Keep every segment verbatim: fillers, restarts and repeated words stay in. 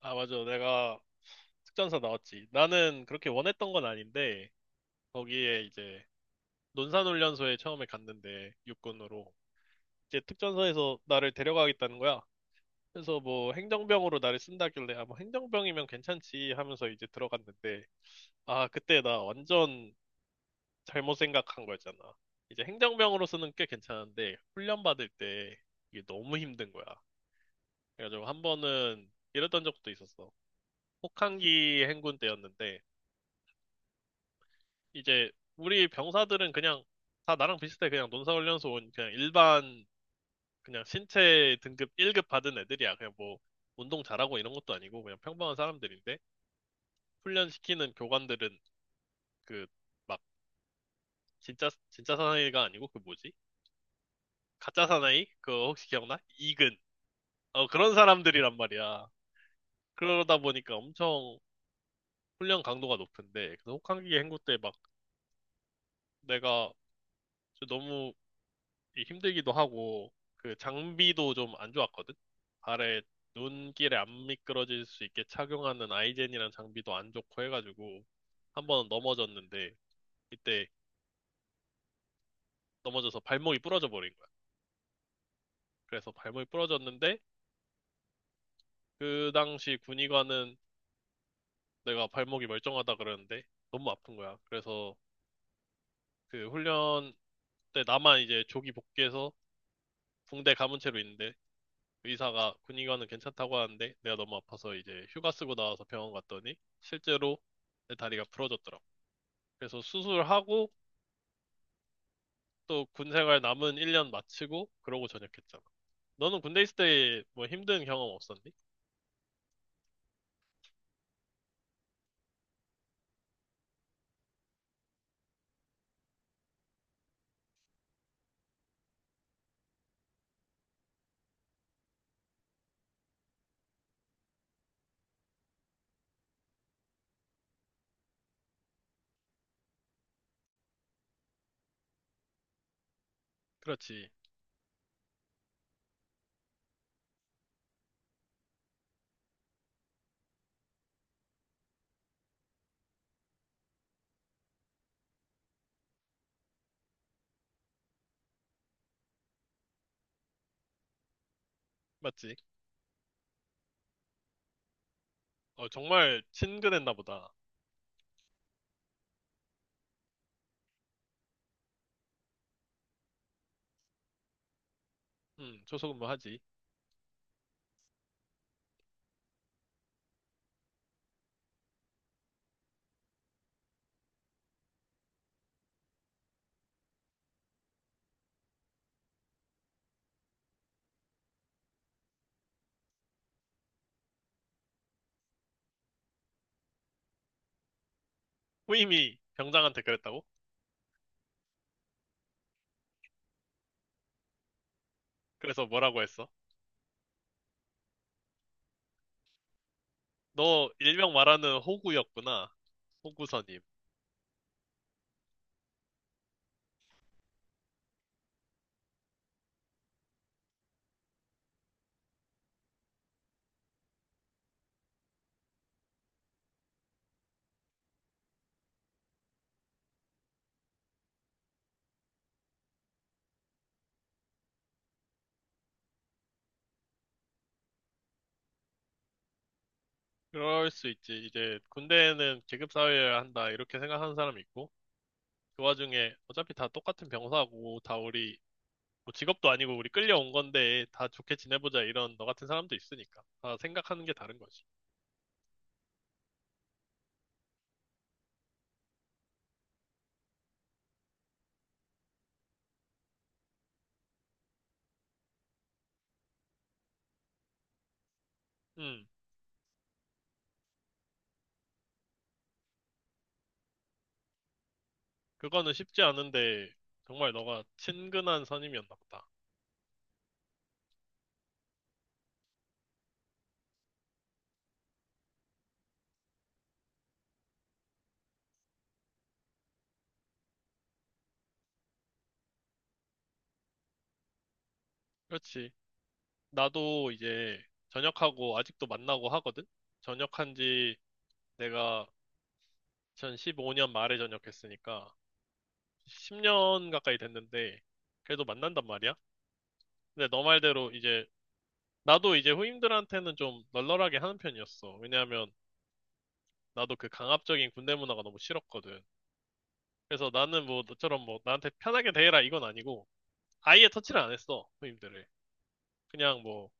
아, 맞아. 내가 특전사 나왔지. 나는 그렇게 원했던 건 아닌데, 거기에 이제 논산훈련소에 처음에 갔는데, 육군으로. 이제 특전사에서 나를 데려가겠다는 거야. 그래서 뭐 행정병으로 나를 쓴다길래, 아, 뭐 행정병이면 괜찮지 하면서 이제 들어갔는데, 아, 그때 나 완전 잘못 생각한 거였잖아. 이제 행정병으로서는 꽤 괜찮은데, 훈련 받을 때 이게 너무 힘든 거야. 그래가지고 한 번은 이랬던 적도 있었어. 혹한기 행군 때였는데, 이제 우리 병사들은 그냥 다 나랑 비슷해. 그냥 논사훈련소 온 그냥 일반 그냥 신체 등급 일 급 받은 애들이야. 그냥 뭐 운동 잘하고 이런 것도 아니고 그냥 평범한 사람들인데 훈련시키는 교관들은 그 막 진짜 진짜 사나이가 아니고 그 뭐지? 가짜 사나이? 그거 혹시 기억나? 이근. 어 그런 사람들이란 말이야. 그러다 보니까 엄청 훈련 강도가 높은데 그래서 혹한기 행구 때 막 내가 저 너무 이 힘들기도 하고 그 장비도 좀 안 좋았거든. 발에 눈길에 안 미끄러질 수 있게 착용하는 아이젠이란 장비도 안 좋고 해가지고 한번 넘어졌는데 이때 넘어져서 발목이 부러져 버린 거야. 그래서 발목이 부러졌는데 그 당시 군의관은 내가 발목이 멀쩡하다 그러는데 너무 아픈 거야. 그래서 그 훈련 때 나만 이제 조기 복귀해서 붕대 감은 채로 있는데 의사가 군의관은 괜찮다고 하는데 내가 너무 아파서 이제 휴가 쓰고 나와서 병원 갔더니 실제로 내 다리가 부러졌더라고. 그래서 수술하고 또 군 생활 남은 일 년 마치고 그러고 전역했잖아. 너는 군대 있을 때 뭐 힘든 경험 없었니? 그렇지. 맞지? 어, 정말 친근했나 보다. 음, 조소근무 하지. 후임이 병장한테 그랬다고? 그래서 뭐라고 했어? 너 일명 말하는 호구였구나. 호구선임. 그럴 수 있지. 이제 군대는 계급 사회여야 한다 이렇게 생각하는 사람이 있고 그 와중에 어차피 다 똑같은 병사고 다 우리 뭐 직업도 아니고 우리 끌려온 건데 다 좋게 지내보자 이런 너 같은 사람도 있으니까 다 생각하는 게 다른 거지. 음, 그거는 쉽지 않은데 정말 너가 친근한 선임이었나 보다. 그렇지. 나도 이제 전역하고 아직도 만나고 하거든. 전역한 지 내가 이천십오 년 말에 전역했으니까 십 년 가까이 됐는데 그래도 만난단 말이야. 근데 너 말대로 이제 나도 이제 후임들한테는 좀 널널하게 하는 편이었어. 왜냐하면 나도 그 강압적인 군대 문화가 너무 싫었거든. 그래서 나는 뭐 너처럼 뭐 나한테 편하게 대해라 이건 아니고 아예 터치를 안 했어 후임들을. 그냥 뭐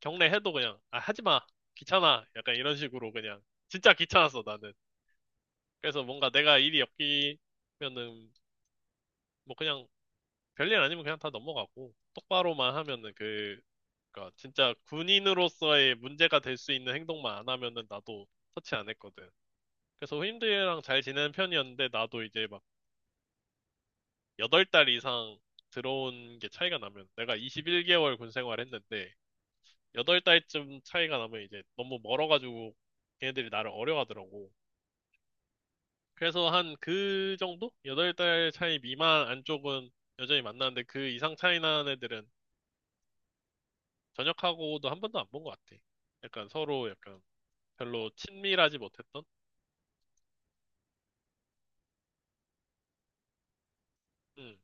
경례해도 그냥 아 하지 마 귀찮아 약간 이런 식으로 그냥 진짜 귀찮았어 나는. 그래서 뭔가 내가 일이 엮이면은 뭐 그냥 별일 아니면 그냥 다 넘어가고 똑바로만 하면은 그 그러니까 진짜 군인으로서의 문제가 될 수 있는 행동만 안 하면은 나도 터치 안 했거든. 그래서 후임들이랑 잘 지내는 편이었는데 나도 이제 막 여덟 달 이상 들어온 게 차이가 나면 내가 이십일 개월 군 생활 했는데 여덟 달쯤 차이가 나면 이제 너무 멀어가지고 걔네들이 나를 어려워하더라고. 그래서 한 그 정도? 여덟 달 차이 미만 안쪽은 여전히 만나는데 그 이상 차이 나는 애들은 전역하고도 한 번도 안 본 것 같아. 약간 서로 약간 별로 친밀하지 못했던? 음.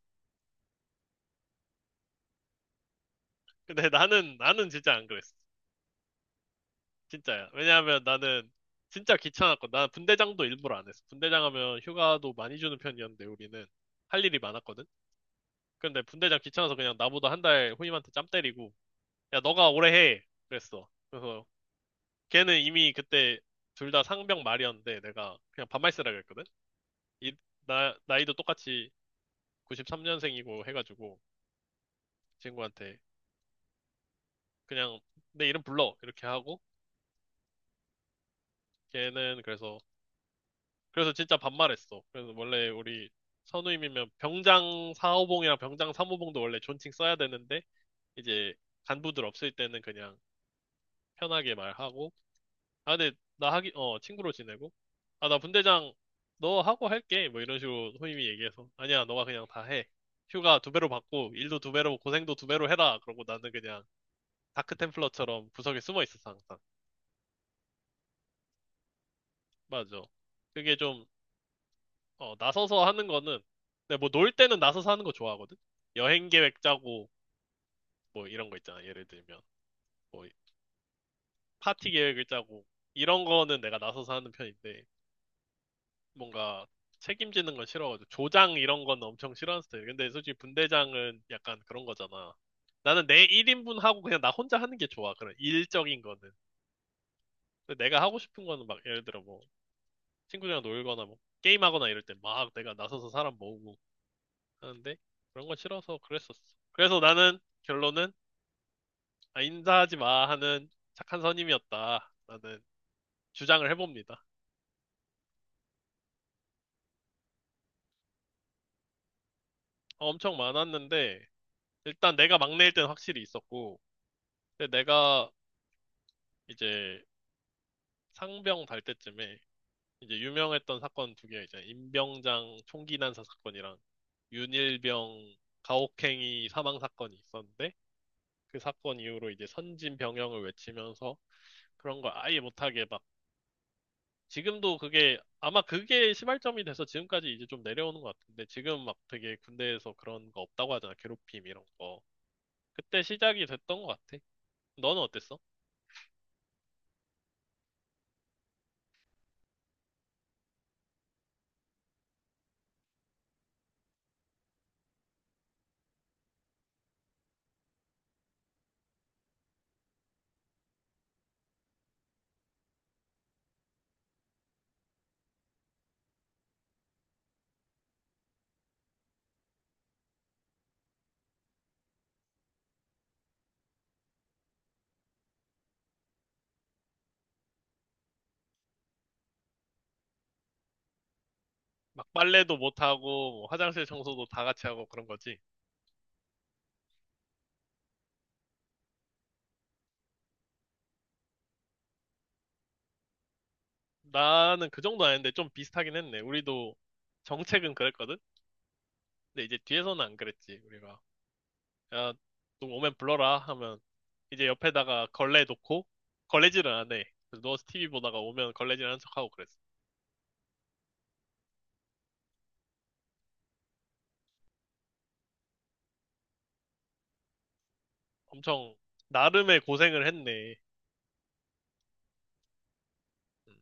근데 나는, 나는 진짜 안 그랬어. 진짜야. 왜냐하면 나는 진짜 귀찮았고, 나는 분대장도 일부러 안 했어. 분대장 하면 휴가도 많이 주는 편이었는데, 우리는 할 일이 많았거든? 근데 분대장 귀찮아서 그냥 나보다 한 달 후임한테 짬 때리고, 야, 너가 오래 해. 그랬어. 그래서 걔는 이미 그때 둘 다 상병 말이었는데, 내가 그냥 반말 쓰라 그랬거든? 이, 나, 나이도 똑같이 구십삼 년생이고 해가지고, 친구한테 그냥 내 이름 불러. 이렇게 하고, 걔는 그래서 그래서 진짜 반말했어. 그래서 원래 우리 선우임이면 병장 사호봉이랑 병장 삼호봉도 원래 존칭 써야 되는데 이제 간부들 없을 때는 그냥 편하게 말하고 아 근데 나 하기 어 친구로 지내고 아 나 분대장 너 하고 할게 뭐 이런 식으로 선임이 얘기해서 아니야 너가 그냥 다 해. 휴가 두 배로 받고 일도 두 배로 고생도 두 배로 해라. 그러고 나는 그냥 다크 템플러처럼 구석에 숨어 있었어 항상. 맞아. 그게 좀 어, 나서서 하는 거는, 근데 뭐 놀 때는 나서서 하는 거 좋아하거든? 여행 계획 짜고, 뭐 이런 거 있잖아. 예를 들면, 뭐 파티 계획을 짜고, 이런 거는 내가 나서서 하는 편인데, 뭔가 책임지는 건 싫어가지고, 조장 이런 건 엄청 싫어하는 스타일. 근데 솔직히 분대장은 약간 그런 거잖아. 나는 내 일 인분 하고 그냥 나 혼자 하는 게 좋아. 그런 일적인 거는. 근데 내가 하고 싶은 거는 막 예를 들어 뭐 친구들이랑 놀거나 뭐 게임하거나 이럴 때 막 내가 나서서 사람 모으고 하는데 그런 거 싫어서 그랬었어. 그래서 나는 결론은 아, 인사하지 마 하는 착한 선임이었다. 라는 주장을 해봅니다. 어, 엄청 많았는데 일단 내가 막내일 땐 확실히 있었고 근데 내가 이제 상병 달 때쯤에 이제 유명했던 사건 두 개 있잖아. 임병장 총기 난사 사건이랑 윤일병 가혹행위 사망 사건이 있었는데 그 사건 이후로 이제 선진 병영을 외치면서 그런 걸 아예 못하게 막 지금도 그게 아마 그게 시발점이 돼서 지금까지 이제 좀 내려오는 것 같은데 지금 막 되게 군대에서 그런 거 없다고 하잖아 괴롭힘 이런 거 그때 시작이 됐던 것 같아 너는 어땠어? 막 빨래도 못하고 뭐 화장실 청소도 다 같이 하고 그런 거지 나는 그 정도 아닌데 좀 비슷하긴 했네 우리도 정책은 그랬거든 근데 이제 뒤에서는 안 그랬지 우리가 야 좀 오면 불러라 하면 이제 옆에다가 걸레 놓고 걸레질을 안해 그래서 누워서 티비 보다가 오면 걸레질 하는 척하고 그랬어 엄청 나름의 고생을 했네. 음,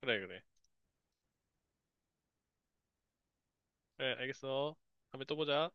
그래, 그래. 그래, 알겠어. 다음에 또 보자.